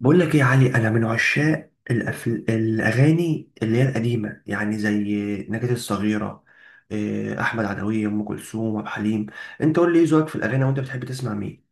بقول لك ايه يا علي، انا من عشاق الاغاني اللي هي القديمه، يعني زي نجاة الصغيره. احمد عدويه، ام كلثوم، عبد الحليم. انت قول لي ايه ذوقك في الاغاني وانت بتحب تسمع مين؟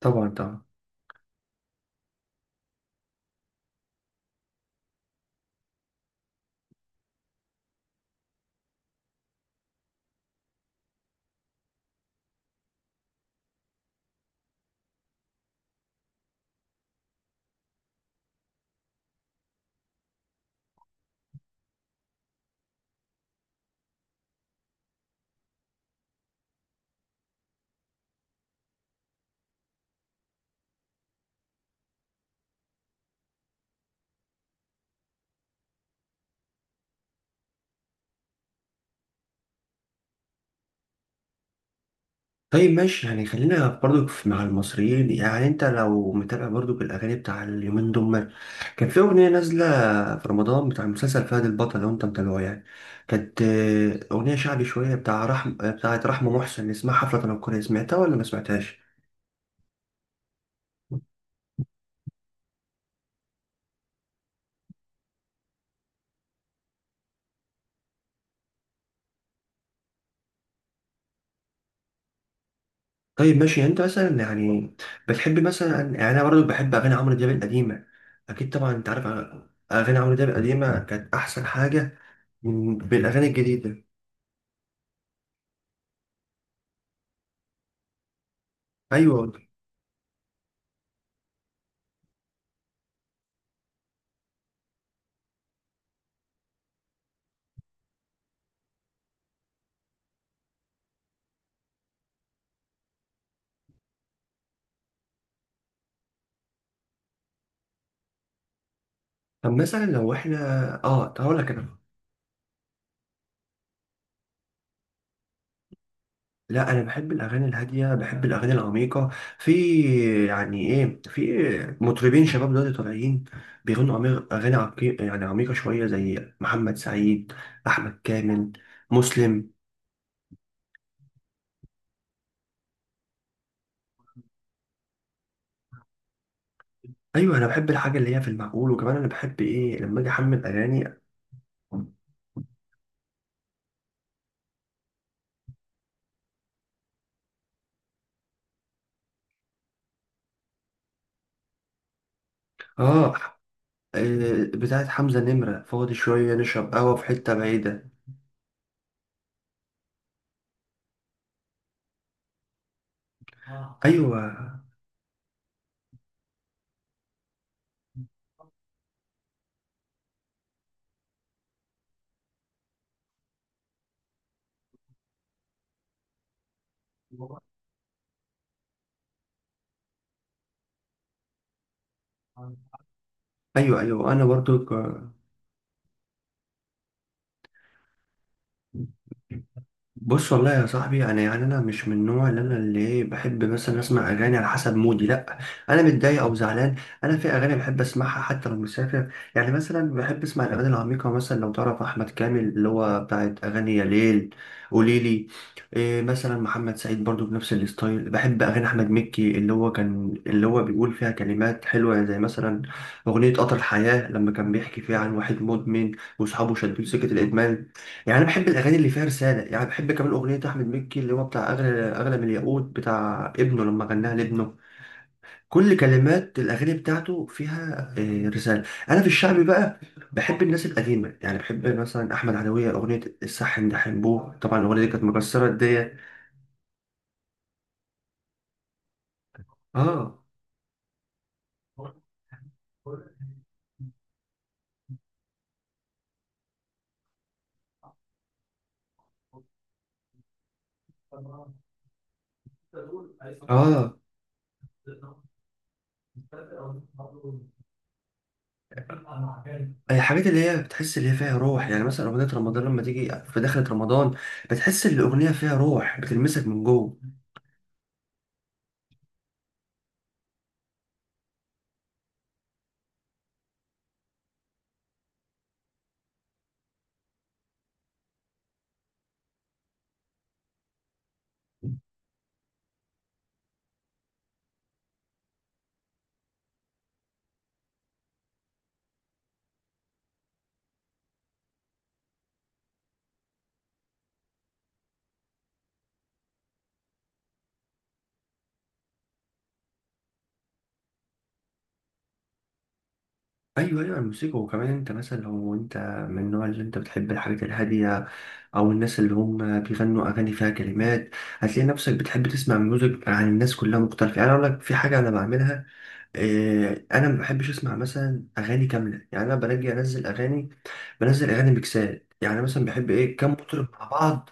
طبعا، طبعا. طيب ماشي، يعني خلينا برضو مع المصريين. يعني انت لو متابع برضو الاغاني بتاع اليومين دول، كان في اغنيه نازله في رمضان بتاع مسلسل فهد البطل لو انت متابعه، يعني كانت اغنيه شعبي شويه بتاع بتاعت رحمه محسن، اسمها حفله تنكريه، سمعتها ولا ما سمعتهاش؟ طيب ماشي، يعني انت مثلا، يعني بتحب مثلا، يعني انا برضه بحب اغاني عمرو دياب القديمه، اكيد طبعا انت عارف. اغاني عمرو دياب القديمه كانت احسن حاجه من بالاغاني الجديده. ايوه. طب مثلا لو احنا، اه طب هقول لك انا، لا انا بحب الاغاني الهاديه، بحب الاغاني العميقه. في يعني ايه، في مطربين شباب دلوقتي طالعين بيغنوا اغاني عميقه، يعني عميقه شويه، زي محمد سعيد، احمد كامل، مسلم. ايوه انا بحب الحاجه اللي هي في المعقول. وكمان انا بحب ايه لما اجي احمل اغاني؟ اه بتاعت حمزه نمره، فاضي شويه نشرب قهوه في حته بعيده. ايوه، ايوه، ايوه، انا برضو. ك- بص، والله يا صاحبي، يعني انا مش من النوع اللي انا اللي إيه بحب مثلا اسمع اغاني على حسب مودي، لا. انا متضايق او زعلان، انا في اغاني بحب اسمعها حتى لو مسافر. يعني مثلا بحب اسمع الاغاني العميقه، مثلا لو تعرف احمد كامل اللي هو بتاعت اغاني يا ليل، قوليلي. مثلا محمد سعيد برضو بنفس الستايل. بحب اغاني احمد مكي اللي هو كان اللي هو بيقول فيها كلمات حلوه، زي مثلا اغنيه قطر الحياه لما كان بيحكي فيها عن واحد مدمن واصحابه شدوه سكه الادمان. يعني انا بحب الاغاني اللي فيها رساله. يعني بحب كمان اغنيه احمد مكي اللي هو بتاع اغلى، اغلى من الياقوت، بتاع ابنه لما غناها لابنه. كل كلمات الاغاني بتاعته فيها رساله. انا في الشعبي بقى بحب الناس القديمه، يعني بحب مثلا احمد عدويه، اغنيه الصح ان ده حنبوه. طبعا الاغنيه دي كانت مكسره الدنيا. اه، اه. الحاجات اللي هي بتحس اللي هي فيها روح، يعني مثلا اغنيه رمضان لما تيجي في دخلة رمضان بتحس ان الاغنيه فيها روح بتلمسك من جوه. ايوه، ايوه. الموسيقى. وكمان انت مثلا لو انت من النوع اللي انت بتحب الحاجات الهاديه، او الناس اللي هم بيغنوا اغاني فيها كلمات، هتلاقي نفسك بتحب تسمع ميوزك عن الناس كلها مختلفه. يعني أنا اقول لك في حاجه انا بعملها، إيه؟ انا ما بحبش اسمع مثلا اغاني كامله، يعني انا باجي انزل اغاني، بنزل اغاني ميكسات. يعني مثلا بحب ايه؟ كام مطرب مع بعض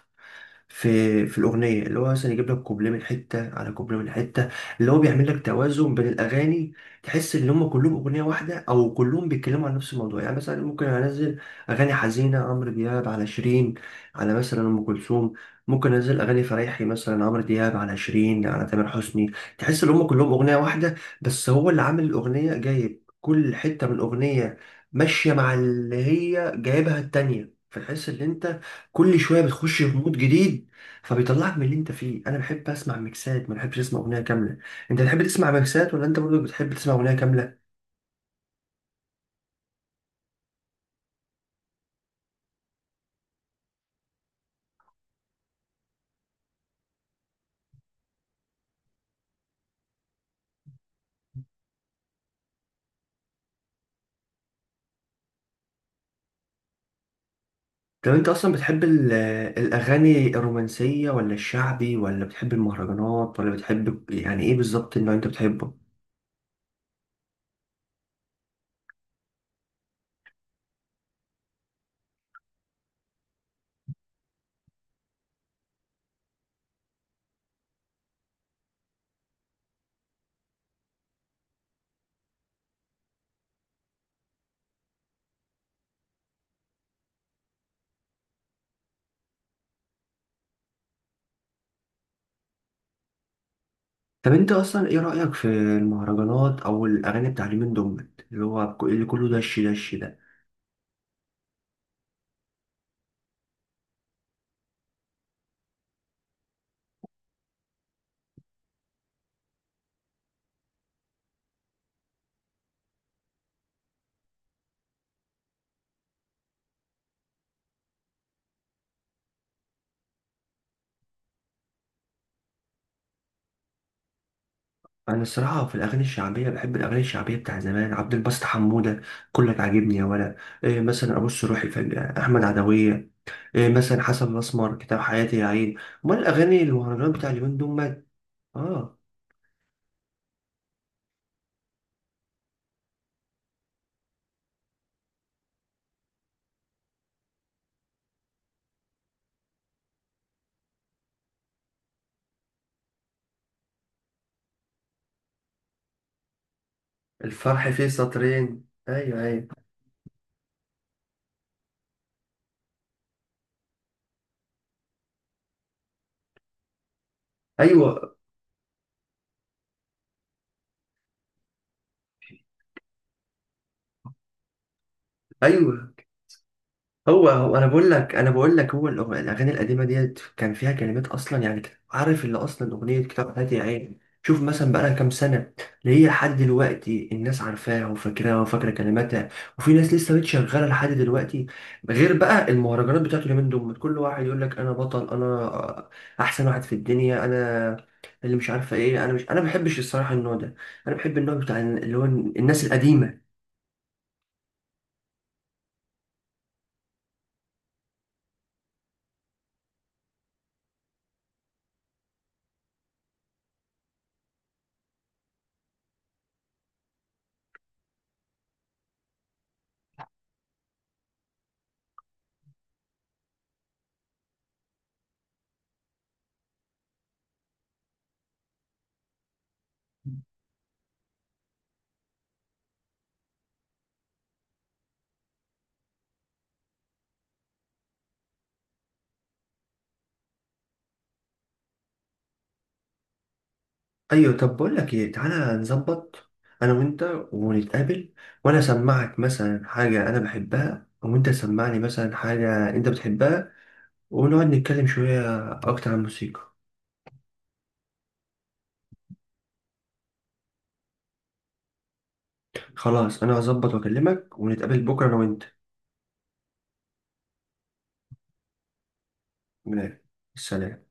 في الاغنيه، اللي هو مثلا يجيب لك كوبليه من حته على كوبليه من حته، اللي هو بيعمل لك توازن بين الاغاني، تحس ان هم كلهم اغنيه واحده، او كلهم بيتكلموا عن نفس الموضوع. يعني مثلا ممكن انزل اغاني حزينه، عمرو دياب على شيرين على مثلا ام كلثوم. ممكن انزل اغاني فريحي مثلا، عمرو دياب على شيرين على تامر حسني، تحس ان هم كلهم اغنيه واحده. بس هو اللي عامل الاغنيه جايب كل حته من الاغنيه ماشيه مع اللي هي جايبها التانيه، فتحس ان انت كل شويه بتخش في مود جديد، فبيطلعك من اللي انت فيه. انا بحب اسمع ميكسات، ما بحبش اسمع اغنيه كامله. انت بتحب تسمع ميكسات ولا انت برضو بتحب تسمع اغنيه كامله؟ طب انت اصلا بتحب الاغاني الرومانسيه ولا الشعبي، ولا بتحب المهرجانات، ولا بتحب، يعني ايه بالظبط اللي انت بتحبه؟ طب انت اصلا ايه رايك في المهرجانات او الاغاني بتاع اليومين دول اللي هو اللي كله دش دش ده؟ انا الصراحه في الاغاني الشعبيه بحب الاغاني الشعبيه بتاع زمان، عبد الباسط حموده كلك عاجبني يا ولا، مثلا ابص روحي في احمد عدويه، مثلا حسن الاسمر كتاب حياتي يا عين. امال الاغاني المهرجانات بتاع اليومين دول مال؟ اه. الفرح فيه سطرين. ايوه، ايوه، ايوه، ايوه. هو انا بقول لك الاغاني القديمه ديت كان فيها كلمات اصلا، يعني عارف اللي اصلا اغنيه كتاب حياتي يا عين شوف مثلا بقى لها كام سنه؟ اللي هي لحد دلوقتي الناس عارفاها وفاكراها وفاكره كلماتها، وفي ناس لسه بتشغلها لحد دلوقتي. غير بقى المهرجانات بتاعته اليومين دول، كل واحد يقول لك انا بطل، انا احسن واحد في الدنيا، انا اللي مش عارفه ايه. انا مش، انا ما بحبش الصراحه النوع ده، انا بحب النوع بتاع اللي هو الناس القديمه. ايوه. طب بقول لك ايه، تعالى نظبط انا وانت ونتقابل، وانا اسمعك مثلا حاجه انا بحبها وانت تسمعني مثلا حاجه انت بتحبها، ونقعد نتكلم شويه اكتر عن الموسيقى. خلاص انا هظبط واكلمك ونتقابل بكره انا وانت. ماشي. سلام